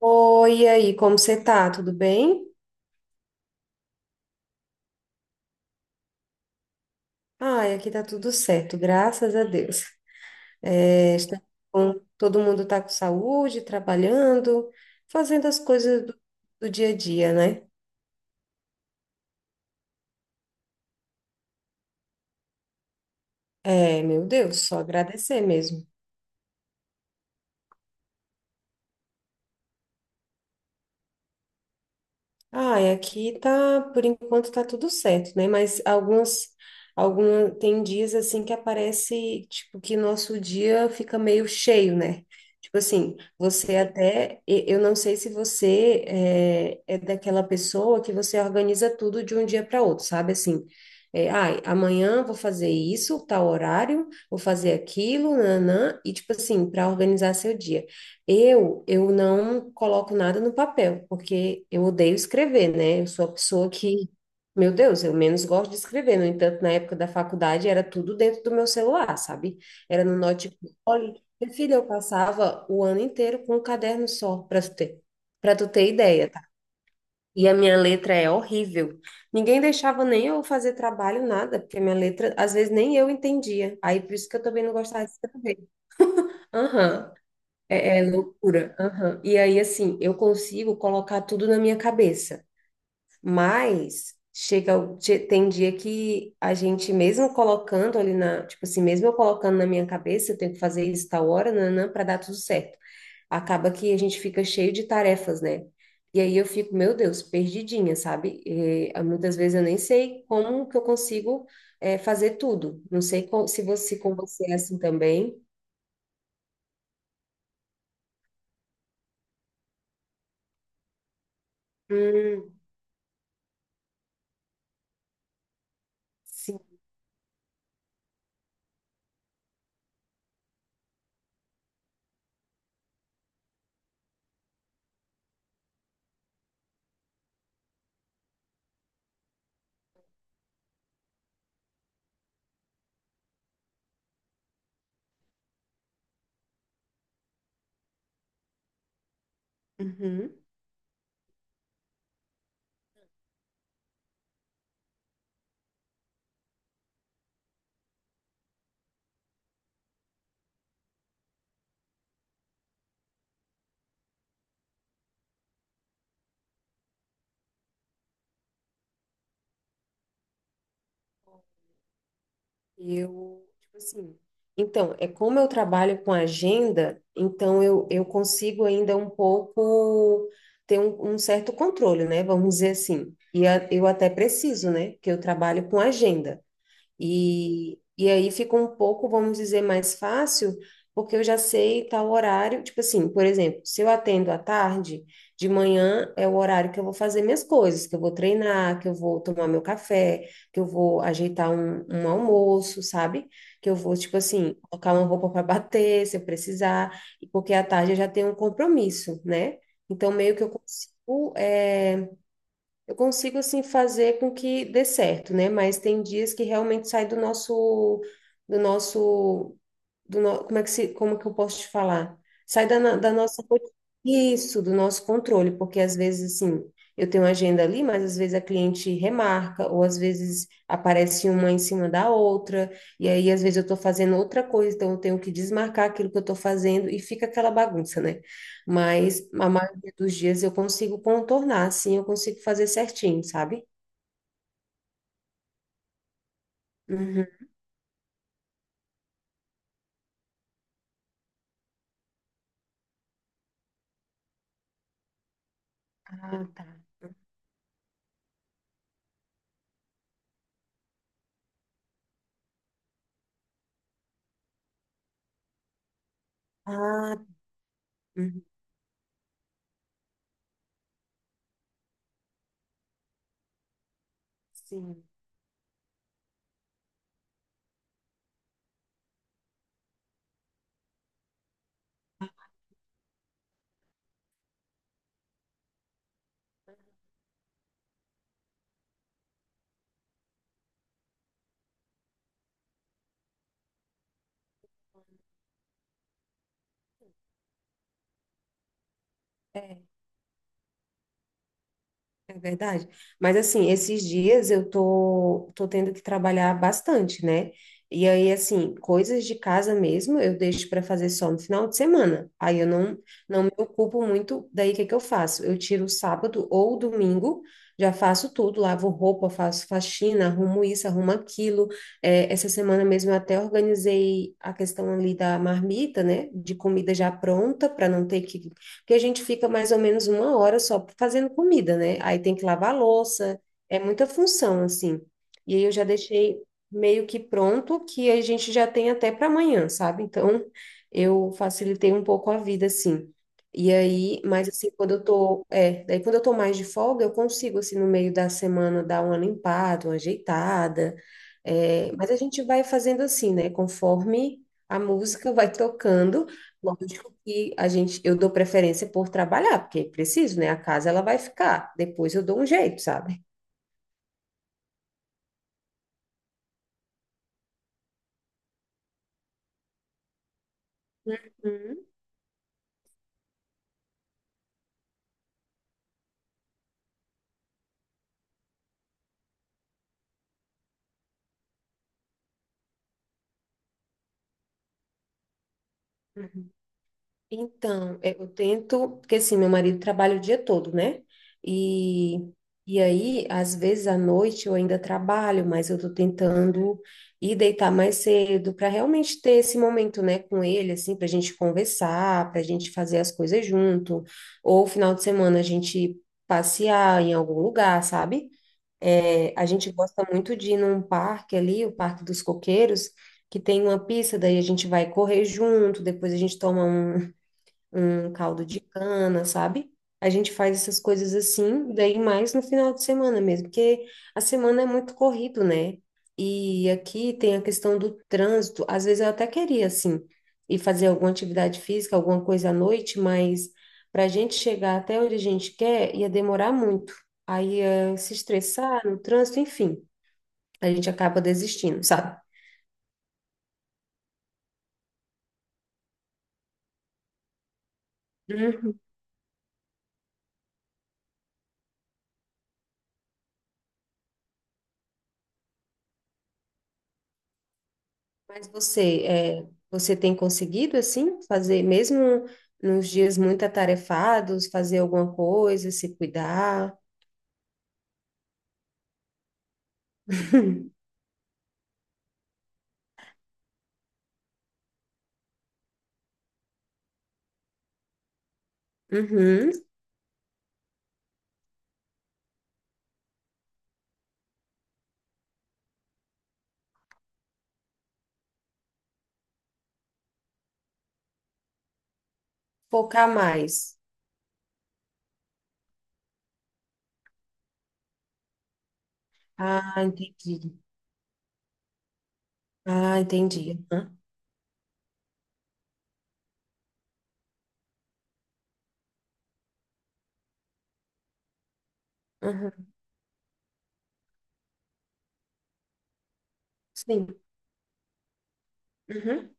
Oi, e aí, como você tá? Tudo bem? Ai, aqui tá tudo certo, graças a Deus. É, todo mundo tá com saúde, trabalhando, fazendo as coisas do dia a dia, né? É, meu Deus, só agradecer mesmo. Ah, e aqui tá, por enquanto tá tudo certo, né? Mas tem dias assim que aparece, tipo, que nosso dia fica meio cheio, né? Tipo assim, eu não sei se você é daquela pessoa que você organiza tudo de um dia para outro, sabe? Assim, ai, amanhã vou fazer isso, tal horário, vou fazer aquilo, nanã, e tipo assim, para organizar seu dia. Eu não coloco nada no papel, porque eu odeio escrever, né? Eu sou a pessoa que, meu Deus, eu menos gosto de escrever. No entanto, na época da faculdade era tudo dentro do meu celular, sabe? Era no notebook. Olha, minha filha, eu passava o ano inteiro com um caderno só, para tu ter ideia, tá? E a minha letra é horrível. Ninguém deixava nem eu fazer trabalho, nada, porque a minha letra, às vezes, nem eu entendia. Aí, por isso que eu também não gostava de escrever. Aham. É loucura. Aham. E aí, assim, eu consigo colocar tudo na minha cabeça, mas chega, tem dia que a gente, mesmo colocando tipo assim, mesmo eu colocando na minha cabeça, eu tenho que fazer isso tal hora, nanã, para dar tudo certo. Acaba que a gente fica cheio de tarefas, né? E aí eu fico, meu Deus, perdidinha, sabe? E, ah, muitas vezes eu nem sei como que eu consigo, fazer tudo. Não sei co- se você, com você é assim também. Hum, sim. Uhum. Eu, tipo assim, então, é como eu trabalho com agenda, então eu consigo ainda um pouco ter um certo controle, né? Vamos dizer assim. E eu até preciso, né? Porque eu trabalho com agenda. E aí fica um pouco, vamos dizer, mais fácil, porque eu já sei tal horário. Tipo assim, por exemplo, se eu atendo à tarde, de manhã é o horário que eu vou fazer minhas coisas, que eu vou treinar, que eu vou tomar meu café, que eu vou ajeitar um almoço, sabe? Que eu vou, tipo assim, colocar uma roupa para bater, se eu precisar, porque à tarde eu já tenho um compromisso, né? Então, meio que eu consigo. Eu consigo, assim, fazer com que dê certo, né? Mas tem dias que realmente sai do nosso, do nosso do no- como é que se, como é que eu posso te falar? Sai da, no- da nossa roti- Isso, do nosso controle, porque às vezes assim, eu tenho uma agenda ali, mas às vezes a cliente remarca, ou às vezes aparece uma em cima da outra, e aí às vezes eu estou fazendo outra coisa, então eu tenho que desmarcar aquilo que eu estou fazendo e fica aquela bagunça, né? Mas a maioria dos dias eu consigo contornar, assim, eu consigo fazer certinho, sabe? Uhum. Ah, tá. Ah, uhum. Sim. É verdade. Mas assim, esses dias eu tô tendo que trabalhar bastante, né? E aí, assim, coisas de casa mesmo eu deixo para fazer só no final de semana. Aí eu não me ocupo muito. Daí, o que que eu faço? Eu tiro o sábado ou o domingo, já faço tudo, lavo roupa, faço faxina, arrumo isso, arrumo aquilo. É, essa semana mesmo eu até organizei a questão ali da marmita, né? De comida já pronta, para não ter que a gente fica mais ou menos uma hora só fazendo comida, né? Aí tem que lavar a louça, é muita função, assim. E aí eu já deixei meio que pronto, que a gente já tem até para amanhã, sabe? Então, eu facilitei um pouco a vida, assim. E aí, mas assim, quando eu tô mais de folga, eu consigo, assim, no meio da semana, dar uma limpada, uma ajeitada. É, mas a gente vai fazendo assim, né? Conforme a música vai tocando. Lógico que eu dou preferência por trabalhar, porque é preciso, né? A casa ela vai ficar. Depois eu dou um jeito, sabe? Uhum. Uhum. Então, eu tento, porque assim, meu marido trabalha o dia todo, né? E, e aí, às vezes à noite eu ainda trabalho, mas eu tô tentando ir deitar mais cedo para realmente ter esse momento, né, com ele, assim, para a gente conversar, para a gente fazer as coisas junto, ou final de semana a gente passear em algum lugar, sabe? É, a gente gosta muito de ir num parque ali, o Parque dos Coqueiros que tem uma pista, daí a gente vai correr junto, depois a gente toma um caldo de cana, sabe? A gente faz essas coisas assim, daí mais no final de semana mesmo, porque a semana é muito corrido, né? E aqui tem a questão do trânsito. Às vezes eu até queria, assim, ir fazer alguma atividade física, alguma coisa à noite, mas para a gente chegar até onde a gente quer, ia demorar muito. Aí ia se estressar no trânsito, enfim, a gente acaba desistindo, sabe? Mas você tem conseguido, assim, fazer, mesmo nos dias muito atarefados, fazer alguma coisa, se cuidar? Uhum. Focar mais. Ah, entendi. Ah, entendi. Uhum. Uhum. Sim. Uhum.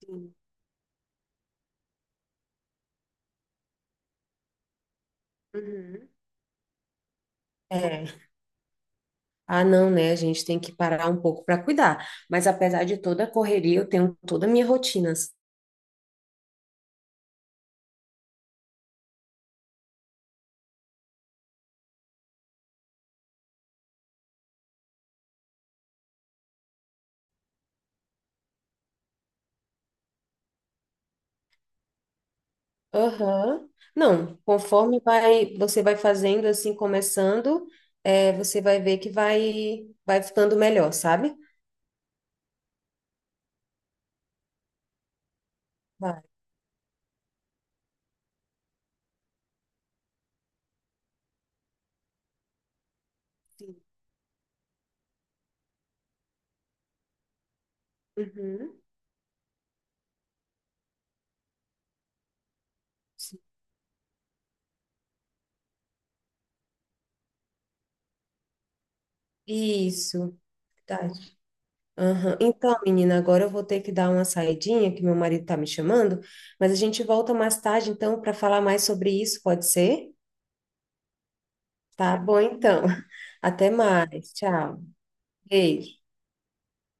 Sim. Uhum. É. Ah, não, né? A gente tem que parar um pouco para cuidar. Mas apesar de toda a correria, eu tenho toda a minha rotina. Aham. Não, conforme vai, você vai fazendo assim, começando, você vai ver que vai ficando melhor, sabe? Vai. Sim. Uhum. Sim. Isso. Verdade. Aham. Então, menina, agora eu vou ter que dar uma saidinha, que meu marido tá me chamando, mas a gente volta mais tarde, então, para falar mais sobre isso, pode ser? Tá bom, então. Até mais. Tchau. Beijo.